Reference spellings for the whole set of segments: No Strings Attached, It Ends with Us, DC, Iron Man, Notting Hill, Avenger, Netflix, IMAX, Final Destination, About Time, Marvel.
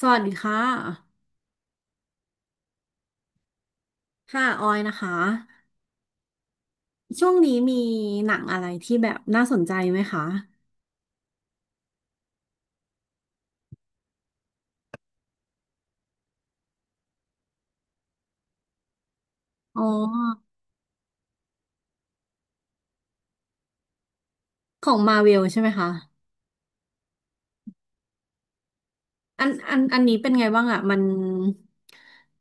สวัสดีค่ะ ค่ะออยนะคะ ช่วงนี้มีหนังอะไรที่แบบน่าสนใจไหมคะ อ๋อ ของมาเวลใช่ไหมคะอันนี้เป็นไงบ้างอะ มัน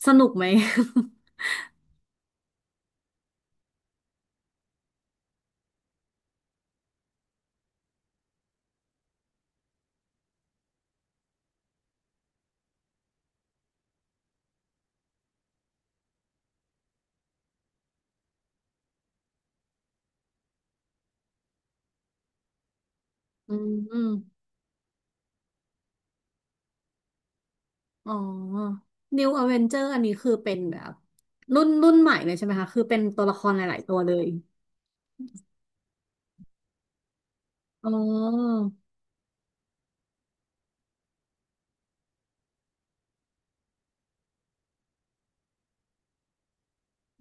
สนุกไหม อืมอืมอ๋อ New Avenger อันนี้คือเป็นแบบรุ่นใหม่เลยใช่ไหมคะ คือเป็นตัวละครหลายๆตัวเลย อ๋อ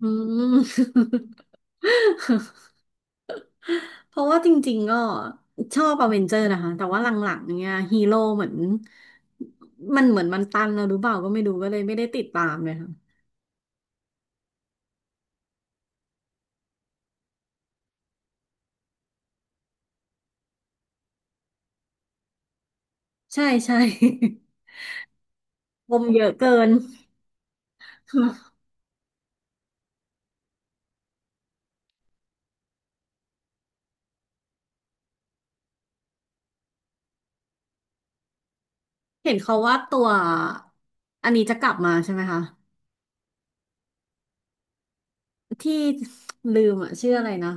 อืม เพราะว่าจริงๆก็ชอบอเวนเจอร์นะคะแต่ว่าหลังๆเนี่ยฮีโร่เหมือนมันตันแล้วหรือเปล่าก็ไม่รู้ก็เลยไม่ได้ติดตามเลยค่ะใช่ใช่ ปมเยอะเกินเห็นเขาว่าตัวอันนี้จะกลับมาใช่ไหมคะที่ลืมอ่ะชื่ออะไรนะ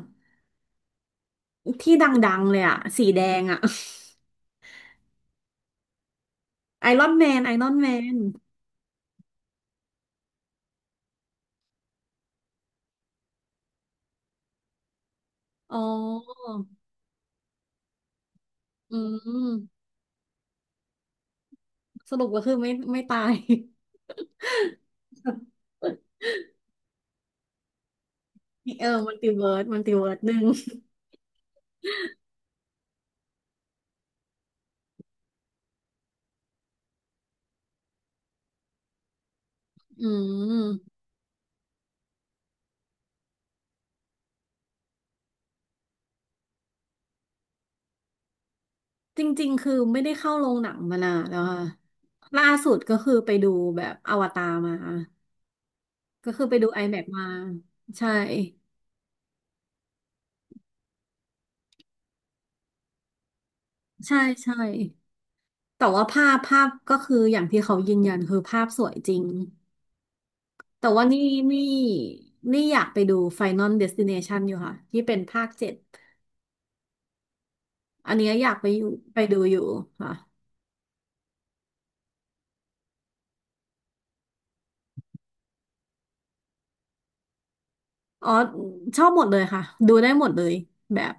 ที่ดังๆเลยอ่ะสีแดงอ่ะไอรอนแมนอ๋ออืมสรุปก็คือไม่ตาย เออมันติเวิร์ดหนึ่ง อืมจริงๆคือไม่ได้เข้าโรงหนังมานานแล้วค่ะล่าสุดก็คือไปดูแบบอวตารมาก็คือไปดู IMAX มกซ์มาใช่ใช่ใช่แต่ว่าภาพก็คืออย่างที่เขายืนยันคือภาพสวยจริงแต่ว่านี่นี่อยากไปดู Final Destination อลเดสติเนชันอยู่ค่ะที่เป็นภาค 7อันเนี้ยอยากไปอยู่ไปดูอยู่ค่ะอ๋อชอบหมดเลยค่ะดูได้หมดเลยแบบ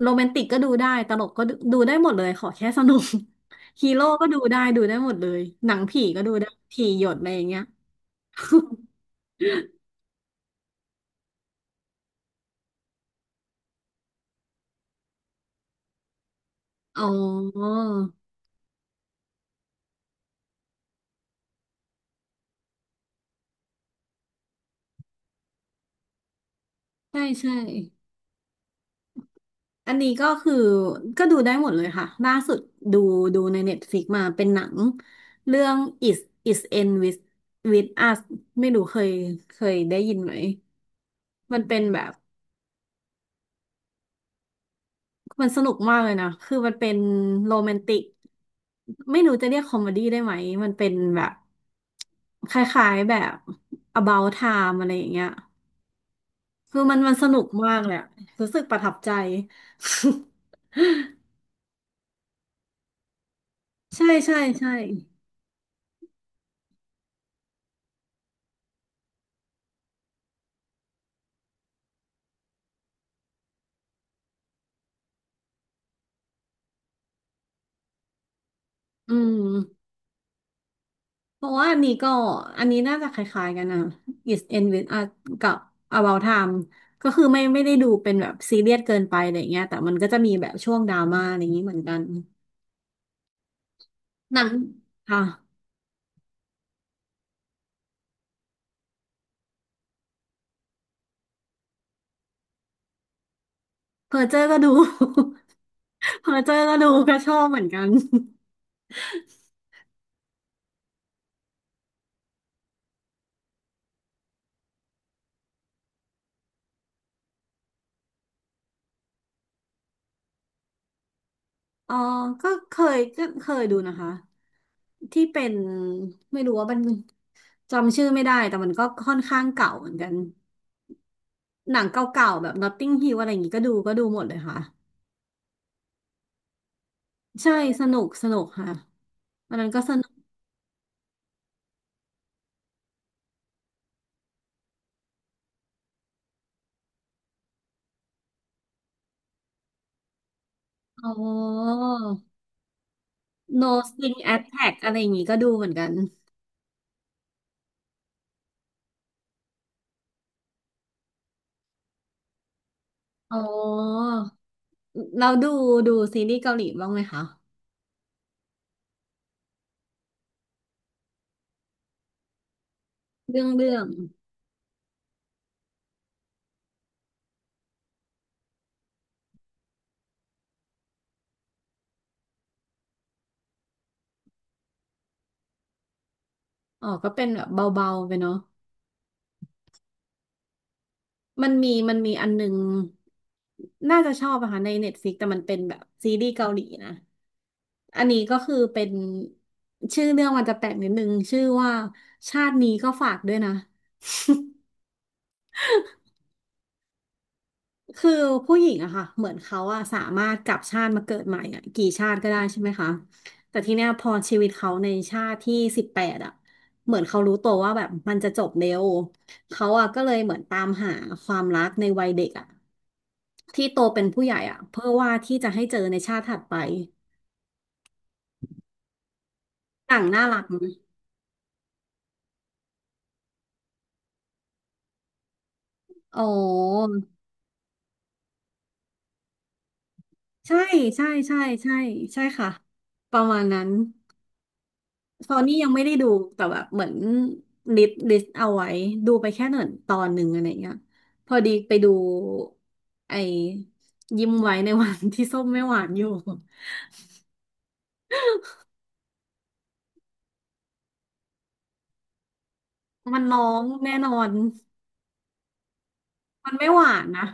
โรแมนติกก็ดูได้ ตลกก็ดูได้หมดเลย ขอแค่สนุก ฮีโร่ก็ดูได้หมดเลย หนังผีก็ดูได้ผีหยดอะไรอย่างเงี้ย อ๋อใช่ใช่ อันนี้ก็คือก็ดูได้หมดเลยค่ะล่าสุดดูดูใน Netflix มาเป็นหนังเรื่อง Is Is End With Us ไม่รู้เคยได้ยินไหมมันเป็นแบบ มันสนุกมากเลยนะคือมันเป็นโรแมนติก ไม่รู้จะเรียกคอมเมดี้ได้ไหม มันเป็นแบบคล้ายๆแบบ About Time อะไรอย่างเงี้ยคือมันสนุกมากเลยอะรู้สึกประทับใจ ใช่ใช่ใช่อืมเพราะว่าอันนี้น่าจะคล้ายๆกันนะ Is End With Us กับ About Time ก็คือไม่ได้ดูเป็นแบบซีเรียสเกินไปอะไรเงี้ยแต่มันก็จะมีแบบช่วงดราม่าอะไรอย่างนี้เหมือนกันหนังค่ะ เพอเจอร์ก็ดู เพอเจอร์ก็ดูก็ชอบเหมือนกัน เออก็เคยดูนะคะที่เป็นไม่รู้ว่ามันจำชื่อไม่ได้แต่มันก็ค่อนข้างเก่าเหมือนกันหนังเก่าๆแบบ Notting Hill อะไรอย่างงี้ก็ดูหมดเลยค่ะใช่สนุกสนุกค่ะอันนั้นก็สนุกอ๋อ No String Attack อะไรอย่างงี้ก็ดูเหมือนกันอ๋อเราดูซีรีส์เกาหลีบ้างไหมคะเรื่องเรื่อง อ๋อก็เป็นแบบเบาๆไปเนาะมันมีอันนึงน่าจะชอบอะค่ะในเน็ตฟ i ิกแต่มันเป็นแบบซีรีส์เกาหลีนะ อันนี้ก็คือเป็นชื่อเรื่องมันจะแปลกนิดนึงชื่อว่าชาตินี้ก็ฝากด้วยนะ คือผู้หญิงอะค่ะ เหมือนเขาอะสามารถกลับชาติมาเกิดใหม่อะกี่ชาติก็ได้ใช่ไหมคะ แต่ทีเนี้ยพอชีวิตเขาในชาติที่18อะ เหมือนเขารู้ตัวว่าแบบมันจะจบเร็วเขาอะก็เลยเหมือนตามหาความรักในวัยเด็กอะ ที่โตเป็นผู้ใหญ่อะเพื่อว่าที่จะให้เจอในชาติถัดไปต่างน่ารักไหมั้ยอ๋อใช่ใช่ใช่ใช่ใช่ค่ะประมาณนั้นตอนนี้ยังไม่ได้ดูแต่แบบเหมือนลิสต์เอาไว้ดูไปแค่หนึ่งตอนหนึ่งอะไรเงี้ยพอดีไปดูไอ้ยิ้มไว้ในวันที่ส้มไม่หวานอยู่มันร้องแน่นอนมันไม่หวานนะ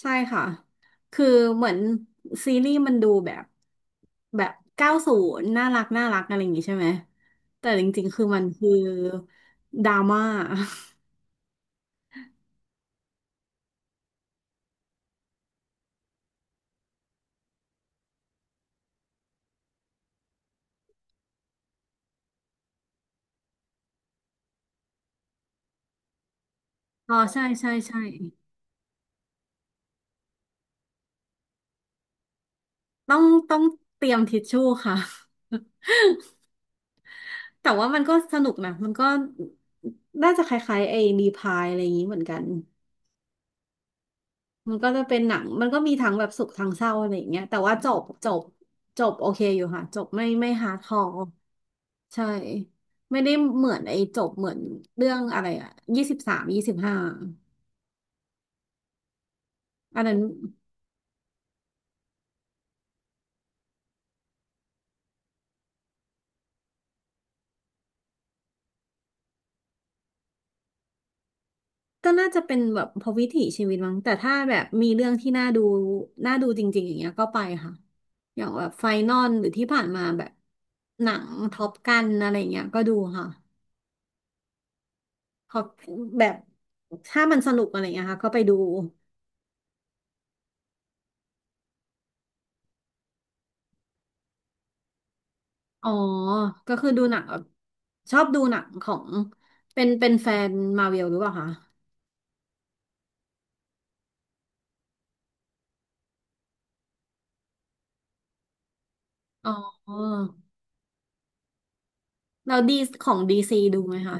ใช่ค่ะ คือเหมือนซีรีส์มันดูแบบ90น่ารักน่ารักอะไรอย่างงี้ใช่ไหม แต่จริงๆคือมันคือดราม่า อ๋อใช่ใช่ใช่ต้องต้องเตรียมทิชชู่ค่ะ แต่ว่ามันก็สนุกนะ มันก็น่าจะคล้ายๆไอ้รีพายอะไรอย่างงี้เหมือนกัน มันก็จะเป็นหนังมันก็มีทั้งแบบสุขทั้งเศร้าอะไรอย่างเงี้ยแต่ว่าจบโอเคอยู่ค่ะจบไม่ฮาร์ดคอร์ใช่ไม่ได้เหมือนไอ้จบเหมือนเรื่องอะไรอะ2325อันนั้นก็น่าจะเป็นแบบพอวิถีชีวิตมั้งแต่ถ้าแบบมีเรื่องที่น่าดูจริงๆอย่างเงี้ยก็ไปค่ะอย่างแบบไฟนอลหรือที่ผ่านมาแบบหนังท็อปกันอะไรอย่างเงี้ยก็ดูค่ะขอแบบถ้ามันสนุกอะไรอย่างเงี้ยค่ะก็ไปดู อ๋อ ก็คือดูหนังแบบชอบดูหนังของเป็นแฟนมาเวลหรือเปล่าคะอ๋อเราดีของดีซีดูไหมคะ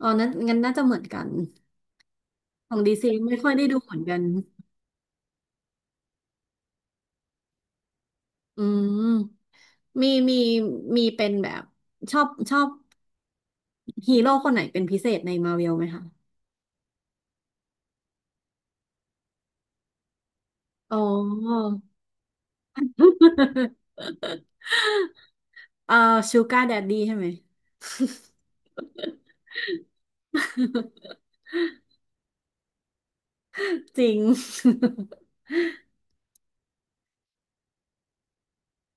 อ๋อนั้นงั้นน่าจะเหมือนกันของดีซีไม่ค่อยได้ดูเหมือนกันอืมมีมีมีเป็นแบบชอบฮีโร่คนไหนเป็นพิเศษในมาเวลไหมคะอ๋อ เอ่อชูการ์แดดดี้ใช่ไหม จริง